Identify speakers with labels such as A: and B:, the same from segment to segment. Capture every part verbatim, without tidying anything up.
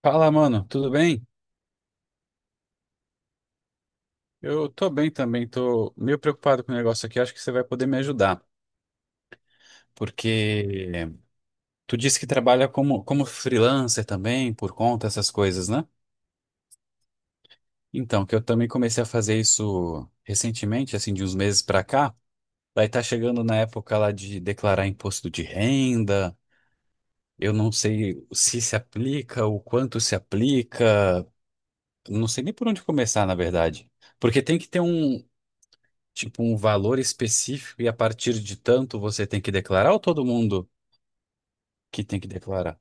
A: Fala, mano, tudo bem? Eu tô bem também, tô meio preocupado com o negócio aqui, acho que você vai poder me ajudar, porque tu disse que trabalha como, como freelancer também, por conta, essas coisas, né? Então, que eu também comecei a fazer isso recentemente, assim, de uns meses pra cá, vai estar chegando na época lá de declarar imposto de renda, eu não sei se se aplica, o quanto se aplica, não sei nem por onde começar, na verdade, porque tem que ter um tipo um valor específico e a partir de tanto você tem que declarar ou todo mundo que tem que declarar?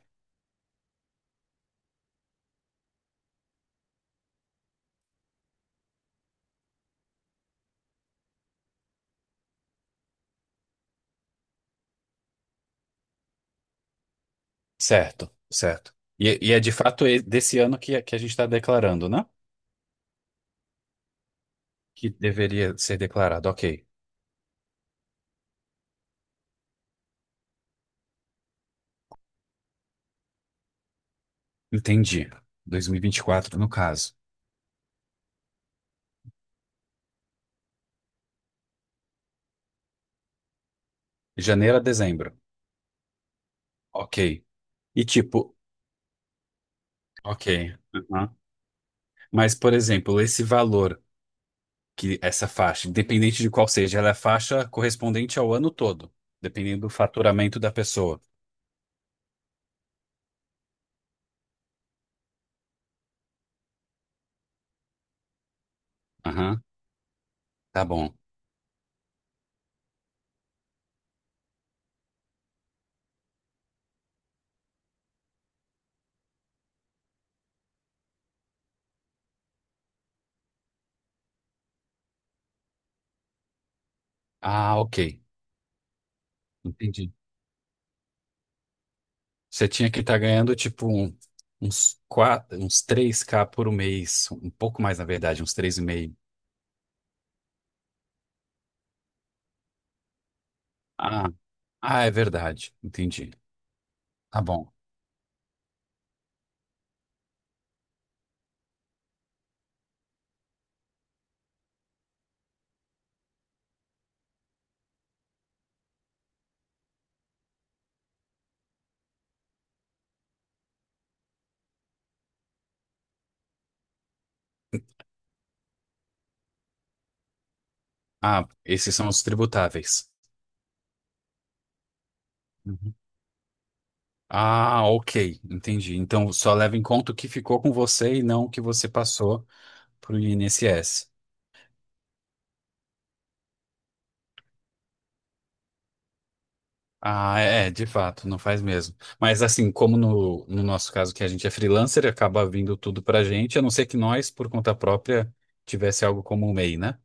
A: Certo, certo. E, e é de fato e- desse ano que, que a gente está declarando, né? Que deveria ser declarado. Ok, entendi. dois mil e vinte e quatro, no caso. Janeiro a dezembro. Ok. E tipo, ok. Uhum. Mas, por exemplo, esse valor, que essa faixa, independente de qual seja, ela é a faixa correspondente ao ano todo, dependendo do faturamento da pessoa. Aham, tá bom. Ah, ok. Entendi. Você tinha que estar ganhando tipo um- uns quatro, uns três k por mês, um pouco mais na verdade, uns três e meio. Ah, ah, é verdade. Entendi. Tá bom. Ah, esses são os tributáveis. Uhum. Ah, ok. Entendi. Então só leva em conta o que ficou com você e não o que você passou para o I N S S. Ah, é, de fato, não faz mesmo. Mas assim, como no, no nosso caso que a gente é freelancer, acaba vindo tudo pra gente, a não ser que nós, por conta própria, tivesse algo como o M E I, né?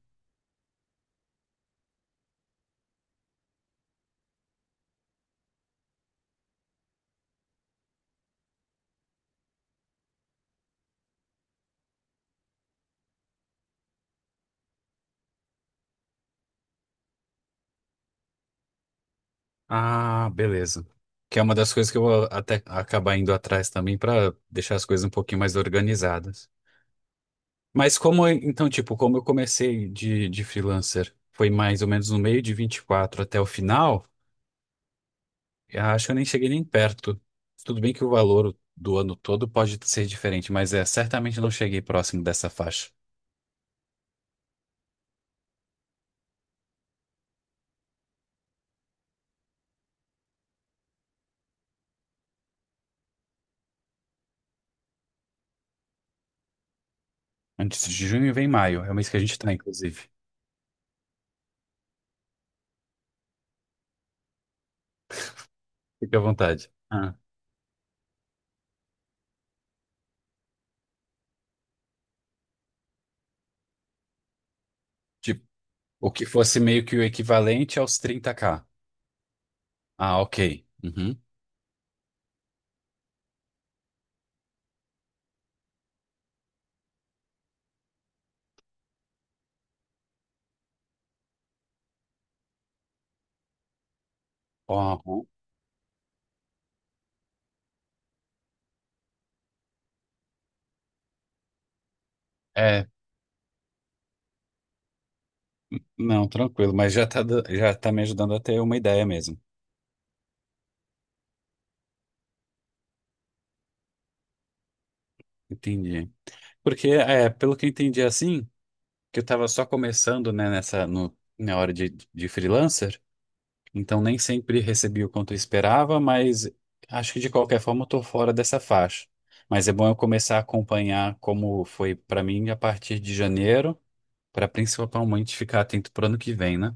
A: Ah, beleza. Que é uma das coisas que eu vou até acabar indo atrás também para deixar as coisas um pouquinho mais organizadas. Mas como, eu- então, tipo, como eu comecei de, de freelancer, foi mais ou menos no meio de vinte e quatro até o final, eu acho que eu nem cheguei nem perto. Tudo bem que o valor do ano todo pode ser diferente, mas é, certamente não cheguei próximo dessa faixa. Antes de junho vem maio, é o mês que a gente está, inclusive. Fique à vontade. Ah, tipo, o que fosse meio que o equivalente aos trinta k. Ah, ok. Uhum. Uhum. É, não, tranquilo, mas já tá, da- já tá me ajudando a ter uma ideia mesmo. Entendi. Porque, é, pelo que eu entendi assim, que eu tava só começando, né, nessa, no, na hora de, de freelancer. Então nem sempre recebi o quanto eu esperava, mas acho que de qualquer forma eu tô fora dessa faixa. Mas é bom eu começar a acompanhar como foi para mim a partir de janeiro, para principalmente ficar atento pro ano que vem, né?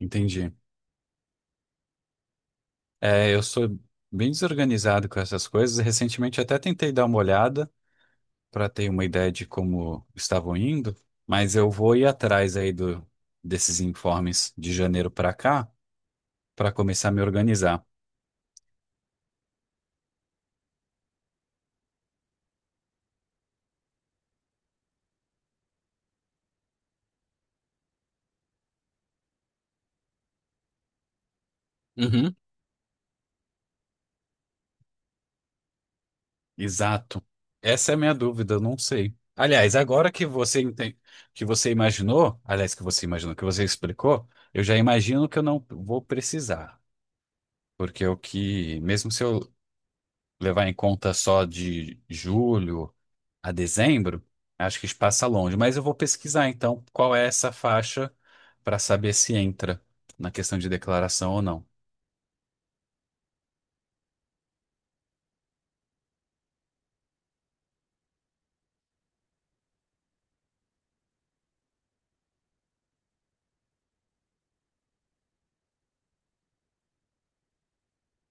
A: Entendi. É, eu sou bem desorganizado com essas coisas. Recentemente até tentei dar uma olhada para ter uma ideia de como estavam indo, mas eu vou ir atrás aí do, desses informes de janeiro para cá para começar a me organizar. Uhum. Exato. Essa é a minha dúvida, eu não sei. Aliás, agora que você enten- que você imaginou, aliás, que você imaginou, que você explicou, eu já imagino que eu não vou precisar, porque o que, mesmo se eu levar em conta só de julho a dezembro, acho que passa longe, mas eu vou pesquisar então qual é essa faixa para saber se entra na questão de declaração ou não.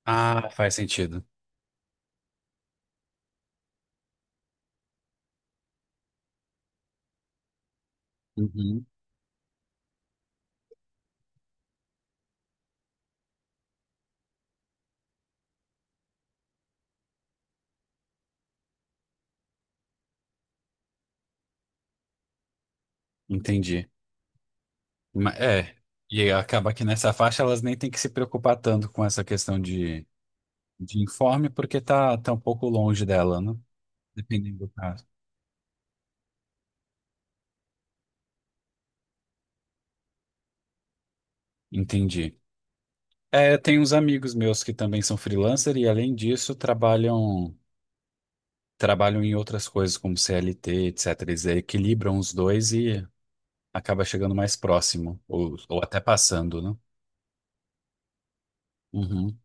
A: Ah, faz sentido. Uhum. Entendi. Ma- É, e acaba que nessa faixa elas nem têm que se preocupar tanto com essa questão de, de informe, porque tá, tá um pouco longe dela, né? Dependendo do caso. Entendi. É, tem uns amigos meus que também são freelancer e, além disso, trabalham trabalham em outras coisas, como C L T, et cetera. Eles equilibram os dois e acaba chegando mais próximo, ou, ou até passando, né? Uhum.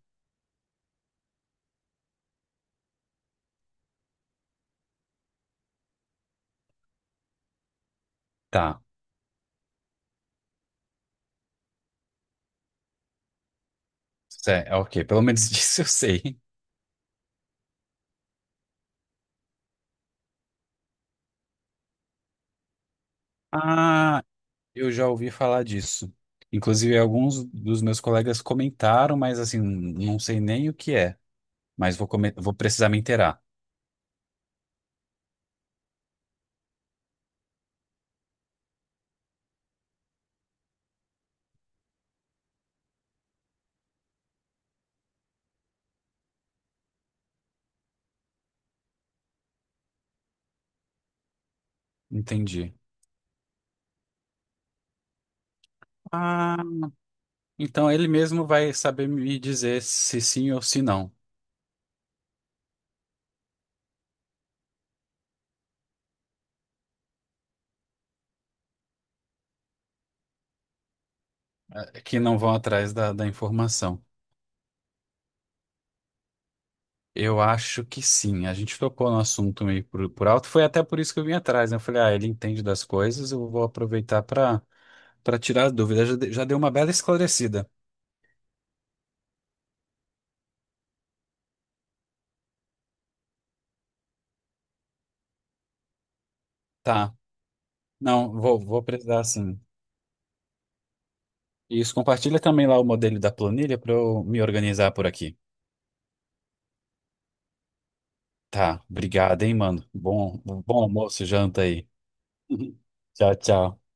A: Tá. Cé- é, ok, pelo menos disso eu sei. Ah, eu já ouvi falar disso. Inclusive, alguns dos meus colegas comentaram, mas assim, não sei nem o que é. Mas vou, come- vou precisar me inteirar. Entendi. Ah, então ele mesmo vai saber me dizer se sim ou se não, que não vão atrás da, da informação. Eu acho que sim. A gente tocou no assunto meio por, por alto. Foi até por isso que eu vim atrás, né? Eu falei, ah, ele entende das coisas, eu vou aproveitar para para tirar as dúvidas. Já, de- já deu uma bela esclarecida. Tá. Não, vou, vou precisar sim. Isso, compartilha também lá o modelo da planilha para eu me organizar por aqui. Tá, obrigado, hein, mano. Bom, bom almoço, janta aí. Tchau, tchau.